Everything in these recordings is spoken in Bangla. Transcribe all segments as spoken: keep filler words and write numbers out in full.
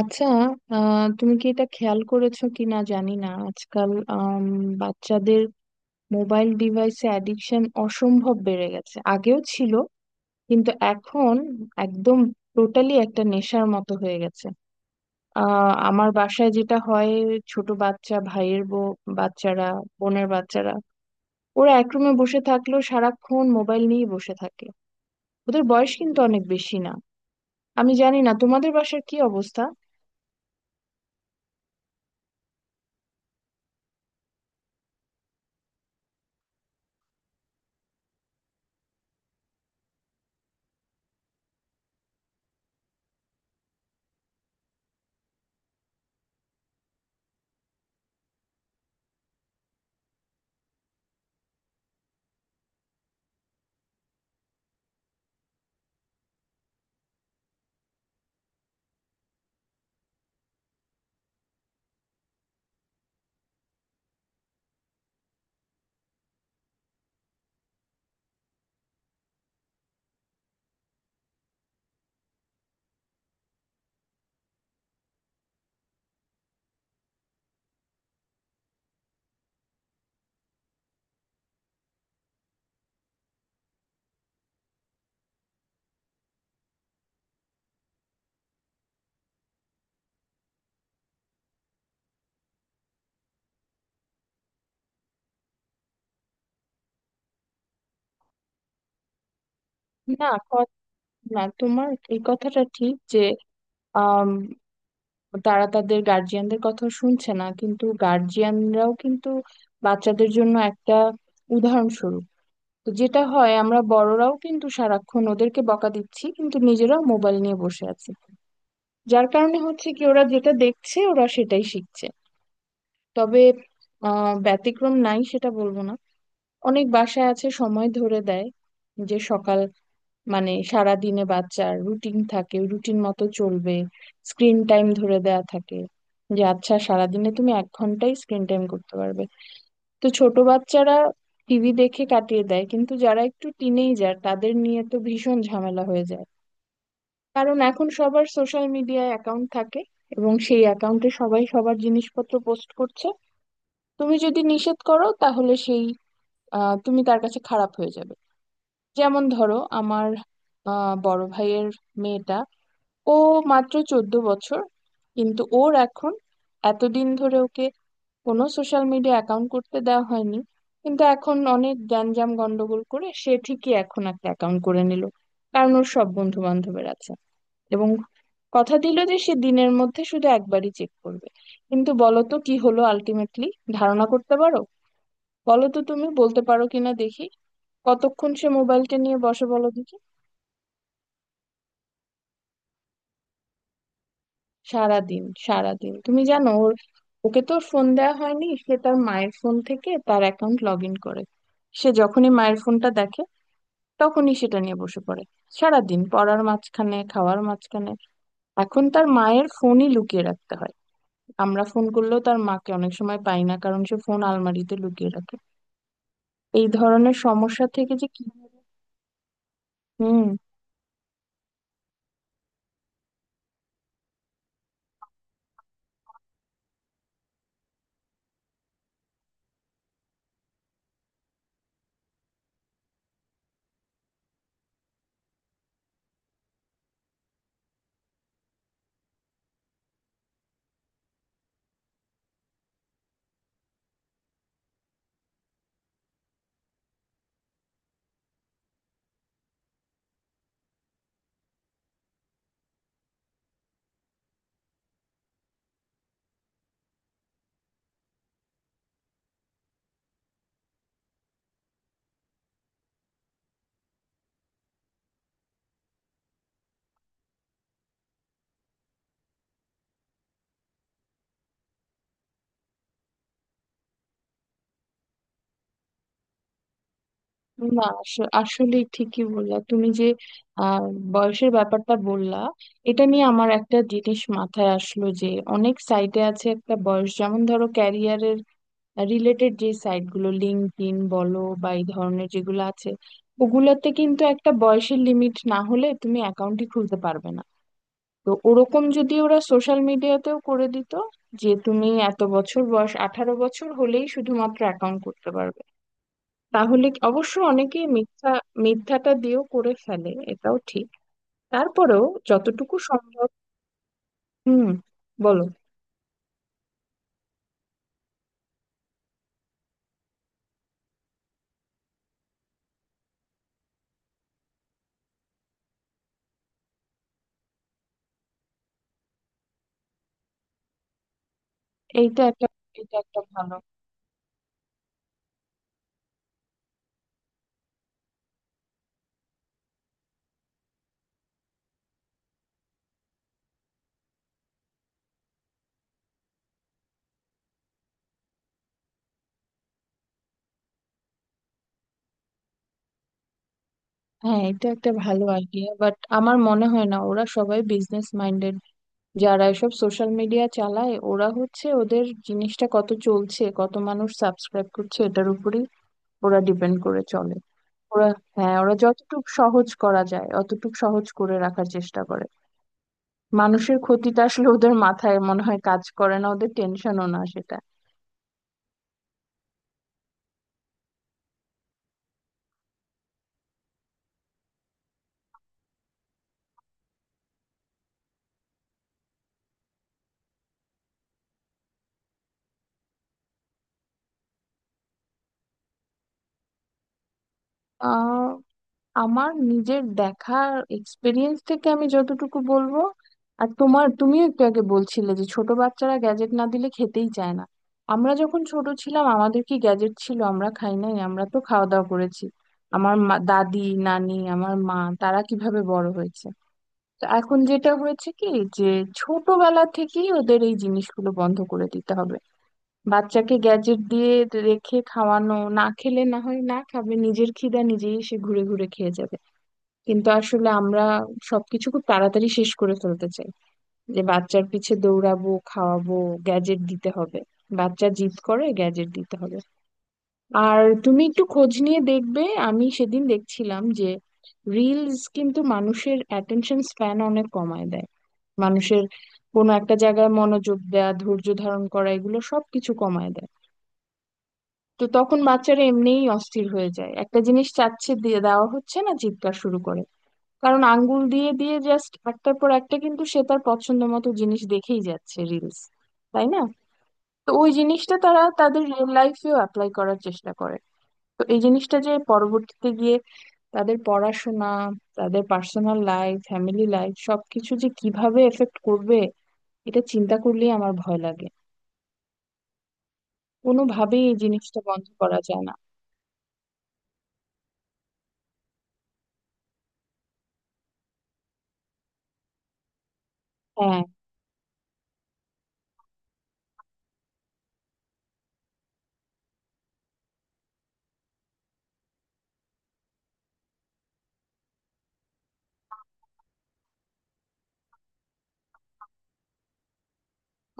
আচ্ছা। আহ, তুমি কি এটা খেয়াল করেছো কি না জানি না। আজকাল আম, বাচ্চাদের মোবাইল ডিভাইসে অ্যাডিকশন অসম্ভব বেড়ে গেছে। আগেও ছিল, কিন্তু এখন একদম টোটালি একটা নেশার মতো হয়ে গেছে। আহ, আমার বাসায় যেটা হয়, ছোট বাচ্চা, ভাইয়ের বউ, বাচ্চারা, বোনের বাচ্চারা, ওরা এক রুমে বসে থাকলেও সারাক্ষণ মোবাইল নিয়ে বসে থাকে। ওদের বয়স কিন্তু অনেক বেশি না। আমি জানি না তোমাদের বাসার কি অবস্থা। না, না, তোমার এই কথাটা ঠিক যে আম, তারা তাদের গার্জিয়ানদের কথা শুনছে না, কিন্তু গার্জিয়ানরাও কিন্তু বাচ্চাদের জন্য একটা উদাহরণস্বরূপ। তো যেটা হয়, আমরা বড়রাও কিন্তু সারাক্ষণ ওদেরকে বকা দিচ্ছি কিন্তু নিজেরাও মোবাইল নিয়ে বসে আছি। যার কারণে হচ্ছে কি, ওরা যেটা দেখছে ওরা সেটাই শিখছে। তবে আহ ব্যতিক্রম নাই সেটা বলবো না। অনেক বাসায় আছে সময় ধরে দেয়, যে সকাল, মানে সারা দিনে বাচ্চার রুটিন থাকে, রুটিন মতো চলবে, স্ক্রিন টাইম ধরে দেয়া থাকে যে আচ্ছা সারাদিনে তুমি এক ঘন্টাই স্ক্রিন টাইম করতে পারবে। তো ছোট বাচ্চারা টিভি দেখে কাটিয়ে দেয়, কিন্তু যারা একটু টিনেজার তাদের নিয়ে তো ভীষণ ঝামেলা হয়ে যায়। কারণ এখন সবার সোশ্যাল মিডিয়ায় অ্যাকাউন্ট থাকে এবং সেই অ্যাকাউন্টে সবাই সবার জিনিসপত্র পোস্ট করছে। তুমি যদি নিষেধ করো তাহলে সেই, আহ, তুমি তার কাছে খারাপ হয়ে যাবে। যেমন ধরো আমার আহ, বড় ভাইয়ের মেয়েটা, ও মাত্র চোদ্দ বছর, কিন্তু ওর এখন, এতদিন ধরে ওকে কোনো সোশ্যাল মিডিয়া অ্যাকাউন্ট করতে দেওয়া হয়নি, কিন্তু এখন অনেক গ্যাঞ্জাম গন্ডগোল করে সে ঠিকই এখন একটা অ্যাকাউন্ট করে নিল। কারণ ওর সব বন্ধু বান্ধবের আছে, এবং কথা দিল যে সে দিনের মধ্যে শুধু একবারই চেক করবে। কিন্তু বলো তো কি হলো আলটিমেটলি, ধারণা করতে পারো? বলো তো তুমি বলতে পারো কিনা দেখি, কতক্ষণ সে মোবাইলটা নিয়ে বসে, বলো দেখি। সারাদিন, সারাদিন। তুমি জানো, ওর, ওকে তো ফোন দেওয়া হয়নি, সে তার মায়ের ফোন থেকে তার অ্যাকাউন্ট লগ ইন করে। সে যখনই মায়ের ফোনটা দেখে তখনই সেটা নিয়ে বসে পড়ে। সারাদিন, পড়ার মাঝখানে, খাওয়ার মাঝখানে। এখন তার মায়ের ফোনই লুকিয়ে রাখতে হয়। আমরা ফোন করলেও তার মাকে অনেক সময় পাই না, কারণ সে ফোন আলমারিতে লুকিয়ে রাখে। এই ধরনের সমস্যা থেকে যে কি! হুম। না, আস- আসলে ঠিকই বললা তুমি যে, আহ, বয়সের ব্যাপারটা বললা। এটা নিয়ে আমার একটা জিনিস মাথায় আসলো যে অনেক সাইটে আছে একটা বয়স, যেমন ধরো ক্যারিয়ারের রিলেটেড যে সাইট গুলো, লিঙ্কডইন বলো বা এই ধরনের যেগুলো আছে, ওগুলোতে কিন্তু একটা বয়সের লিমিট না হলে তুমি অ্যাকাউন্টই খুলতে পারবে না। তো ওরকম যদি ওরা সোশ্যাল মিডিয়াতেও করে দিত, যে তুমি এত বছর বয়স, আঠারো বছর হলেই শুধুমাত্র অ্যাকাউন্ট করতে পারবে, তাহলে কি- অবশ্য অনেকেই মিথ্যা, মিথ্যাটা দিয়েও করে ফেলে, এটাও ঠিক। তারপরেও যতটুকু সম্ভব। হুম। বলো। এইটা একটা, এটা একটা ভালো, হ্যাঁ এটা একটা ভালো আইডিয়া, বাট আমার মনে হয় না। ওরা সবাই বিজনেস মাইন্ডেড, যারা এসব সোশ্যাল মিডিয়া চালায়। ওরা হচ্ছে, ওদের জিনিসটা কত চলছে, কত মানুষ সাবস্ক্রাইব করছে, এটার উপরেই ওরা ডিপেন্ড করে চলে। ওরা, হ্যাঁ, ওরা যতটুকু সহজ করা যায় অতটুকু সহজ করে রাখার চেষ্টা করে। মানুষের ক্ষতিটা আসলে ওদের মাথায় মনে হয় কাজ করে না, ওদের টেনশনও না সেটা। আহ, আমার নিজের দেখা এক্সপিরিয়েন্স থেকে আমি যতটুকু বলবো, আর তোমার, তুমিও একটু আগে বলছিলে যে ছোট বাচ্চারা গ্যাজেট না দিলে খেতেই চায় না। আমরা যখন ছোট ছিলাম আমাদের কি গ্যাজেট ছিল? আমরা খাই নাই? আমরা তো খাওয়া দাওয়া করেছি। আমার মা, দাদি, নানি, আমার মা, তারা কিভাবে বড় হয়েছে? তো এখন যেটা হয়েছে কি, যে ছোটবেলা থেকেই ওদের এই জিনিসগুলো বন্ধ করে দিতে হবে। বাচ্চাকে গ্যাজেট দিয়ে রেখে খাওয়ানো, না খেলে না হয় না খাবে, নিজের খিদা নিজেই সে ঘুরে ঘুরে খেয়ে যাবে। কিন্তু আসলে আমরা সবকিছু খুব তাড়াতাড়ি শেষ করে ফেলতে চাই। যে বাচ্চার পিছে দৌড়াবো, খাওয়াবো, গ্যাজেট দিতে হবে, বাচ্চা জিদ করে গ্যাজেট দিতে হবে। আর তুমি একটু খোঁজ নিয়ে দেখবে, আমি সেদিন দেখছিলাম যে রিলস কিন্তু মানুষের অ্যাটেনশন স্প্যান অনেক কমায় দেয়। মানুষের কোনো একটা জায়গায় মনোযোগ দেয়া, ধৈর্য ধারণ করা, এগুলো সবকিছু কমায় দেয়। তো তখন বাচ্চারা এমনিই অস্থির হয়ে যায়, একটা জিনিস চাচ্ছে দিয়ে দেওয়া হচ্ছে না, চিৎকার শুরু করে। কারণ আঙ্গুল দিয়ে দিয়ে জাস্ট একটার পর একটা, কিন্তু সে তার পছন্দ মতো জিনিস দেখেই যাচ্ছে রিলস, তাই না? তো ওই জিনিসটা তারা তাদের রিয়েল লাইফেও অ্যাপ্লাই করার চেষ্টা করে। তো এই জিনিসটা যে পরবর্তীতে গিয়ে তাদের পড়াশোনা, তাদের পার্সোনাল লাইফ, ফ্যামিলি লাইফ, সবকিছু যে কিভাবে এফেক্ট করবে, এটা চিন্তা করলেই আমার ভয় লাগে। কোনোভাবেই এই জিনিসটা বন্ধ করা যায় না। হ্যাঁ,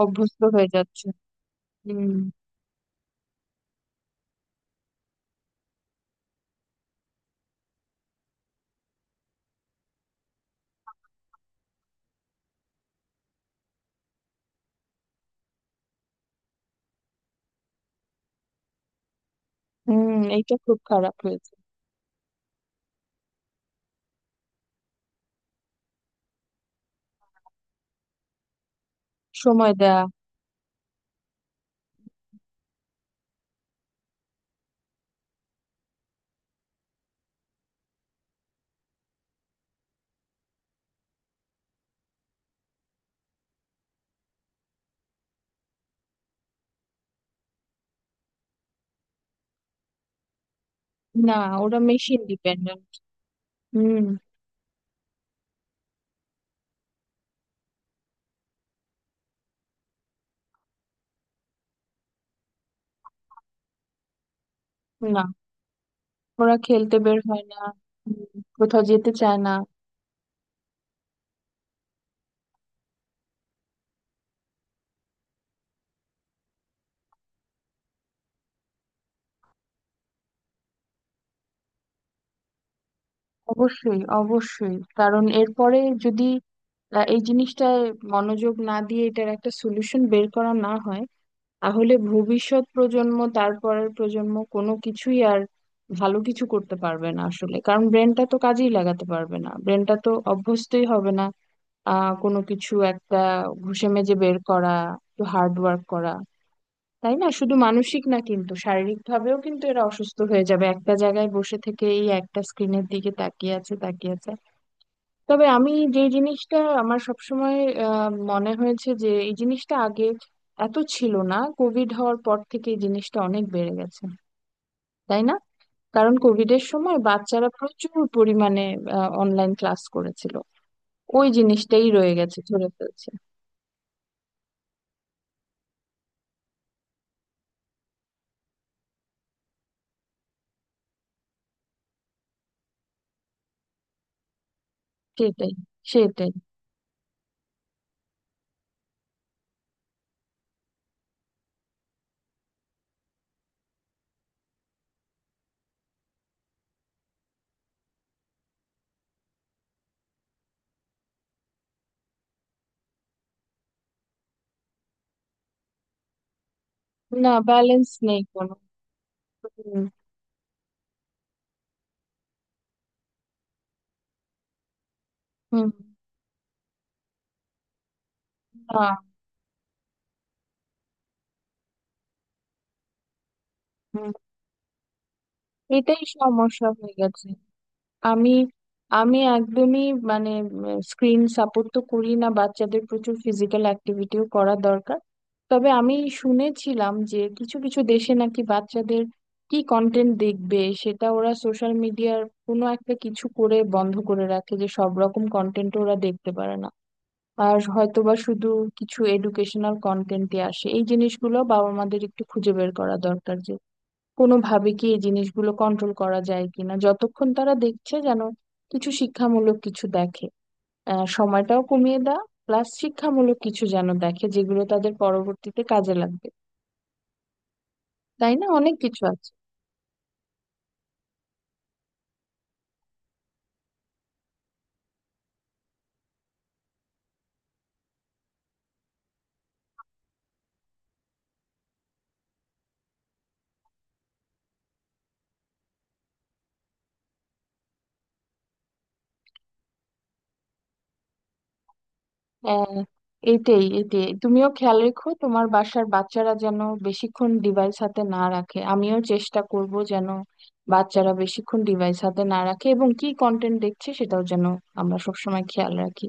অভ্যস্ত হয়ে যাচ্ছে। হুম। হুম, এইটা খুব খারাপ হয়েছে। সময় দেয়া। না, ওরা মেশিন ডিপেন্ডেন্ট। হুম। না, ওরা খেলতে বের হয় না। হুম, কোথাও যেতে চায় না। অবশ্যই, অবশ্যই, কারণ এরপরে যদি আহ, এই জিনিসটায় মনোযোগ না দিয়ে এটার একটা সলিউশন বের করা না হয়, তাহলে ভবিষ্যৎ প্রজন্ম, তারপরের প্রজন্ম কোনো কিছুই আর ভালো কিছু করতে পারবে না আসলে। কারণ ব্রেনটা তো কাজেই লাগাতে পারবে না, ব্রেনটা তো অভ্যস্তই হবে না আহ কোনো কিছু একটা ঘুষে মেজে বের করা, একটু হার্ড ওয়ার্ক করা। তাই না? শুধু মানসিক না কিন্তু শারীরিক ভাবেও কিন্তু এরা অসুস্থ হয়ে যাবে, একটা জায়গায় বসে থেকে এই একটা স্ক্রিনের দিকে তাকিয়ে আছে, তাকিয়ে আছে। তবে আমি যে জিনিসটা, আমার সবসময় আহ মনে হয়েছে যে এই জিনিসটা আগে এত ছিল না, কোভিড হওয়ার পর থেকে এই জিনিসটা অনেক বেড়ে গেছে, তাই না? কারণ কোভিডের সময় বাচ্চারা প্রচুর পরিমাণে অনলাইন ক্লাস করেছিল, ওই জিনিসটাই রয়ে গেছে ধরে ফেলছি। সেটাই, সেটাই, না ব্যালেন্স নেই কোনো। হুম, হুম। না। হুম, এটাই সমস্যা হয়ে গেছে। আমি, আমি একদমই, মানে স্ক্রিন সাপোর্ট তো করি না, বাচ্চাদের প্রচুর ফিজিক্যাল অ্যাক্টিভিটিও করা দরকার। তবে আমি শুনেছিলাম যে কিছু কিছু দেশে নাকি বাচ্চাদের কি কন্টেন্ট দেখবে সেটা ওরা সোশ্যাল মিডিয়ার কোনো একটা কিছু করে বন্ধ করে রাখে, যে সব রকম কন্টেন্ট ওরা দেখতে পারে না, আর হয়তোবা শুধু কিছু এডুকেশনাল কন্টেন্টে আসে। এই জিনিসগুলো বাবা মাদের একটু খুঁজে বের করা দরকার, যে কোনোভাবে কি এই জিনিসগুলো কন্ট্রোল করা যায় কিনা, যতক্ষণ তারা দেখছে যেন কিছু শিক্ষামূলক কিছু দেখে। আহ, সময়টাও কমিয়ে দেওয়া প্লাস শিক্ষামূলক কিছু যেন দেখে যেগুলো তাদের পরবর্তীতে কাজে লাগবে, তাই না? অনেক কিছু আছে। হ্যাঁ, এইটাই, এইটাই। তুমিও খেয়াল রেখো তোমার বাসার বাচ্চারা যেন বেশিক্ষণ ডিভাইস হাতে না রাখে, আমিও চেষ্টা করব যেন বাচ্চারা বেশিক্ষণ ডিভাইস হাতে না রাখে এবং কি কন্টেন্ট দেখছে সেটাও যেন আমরা সবসময় খেয়াল রাখি।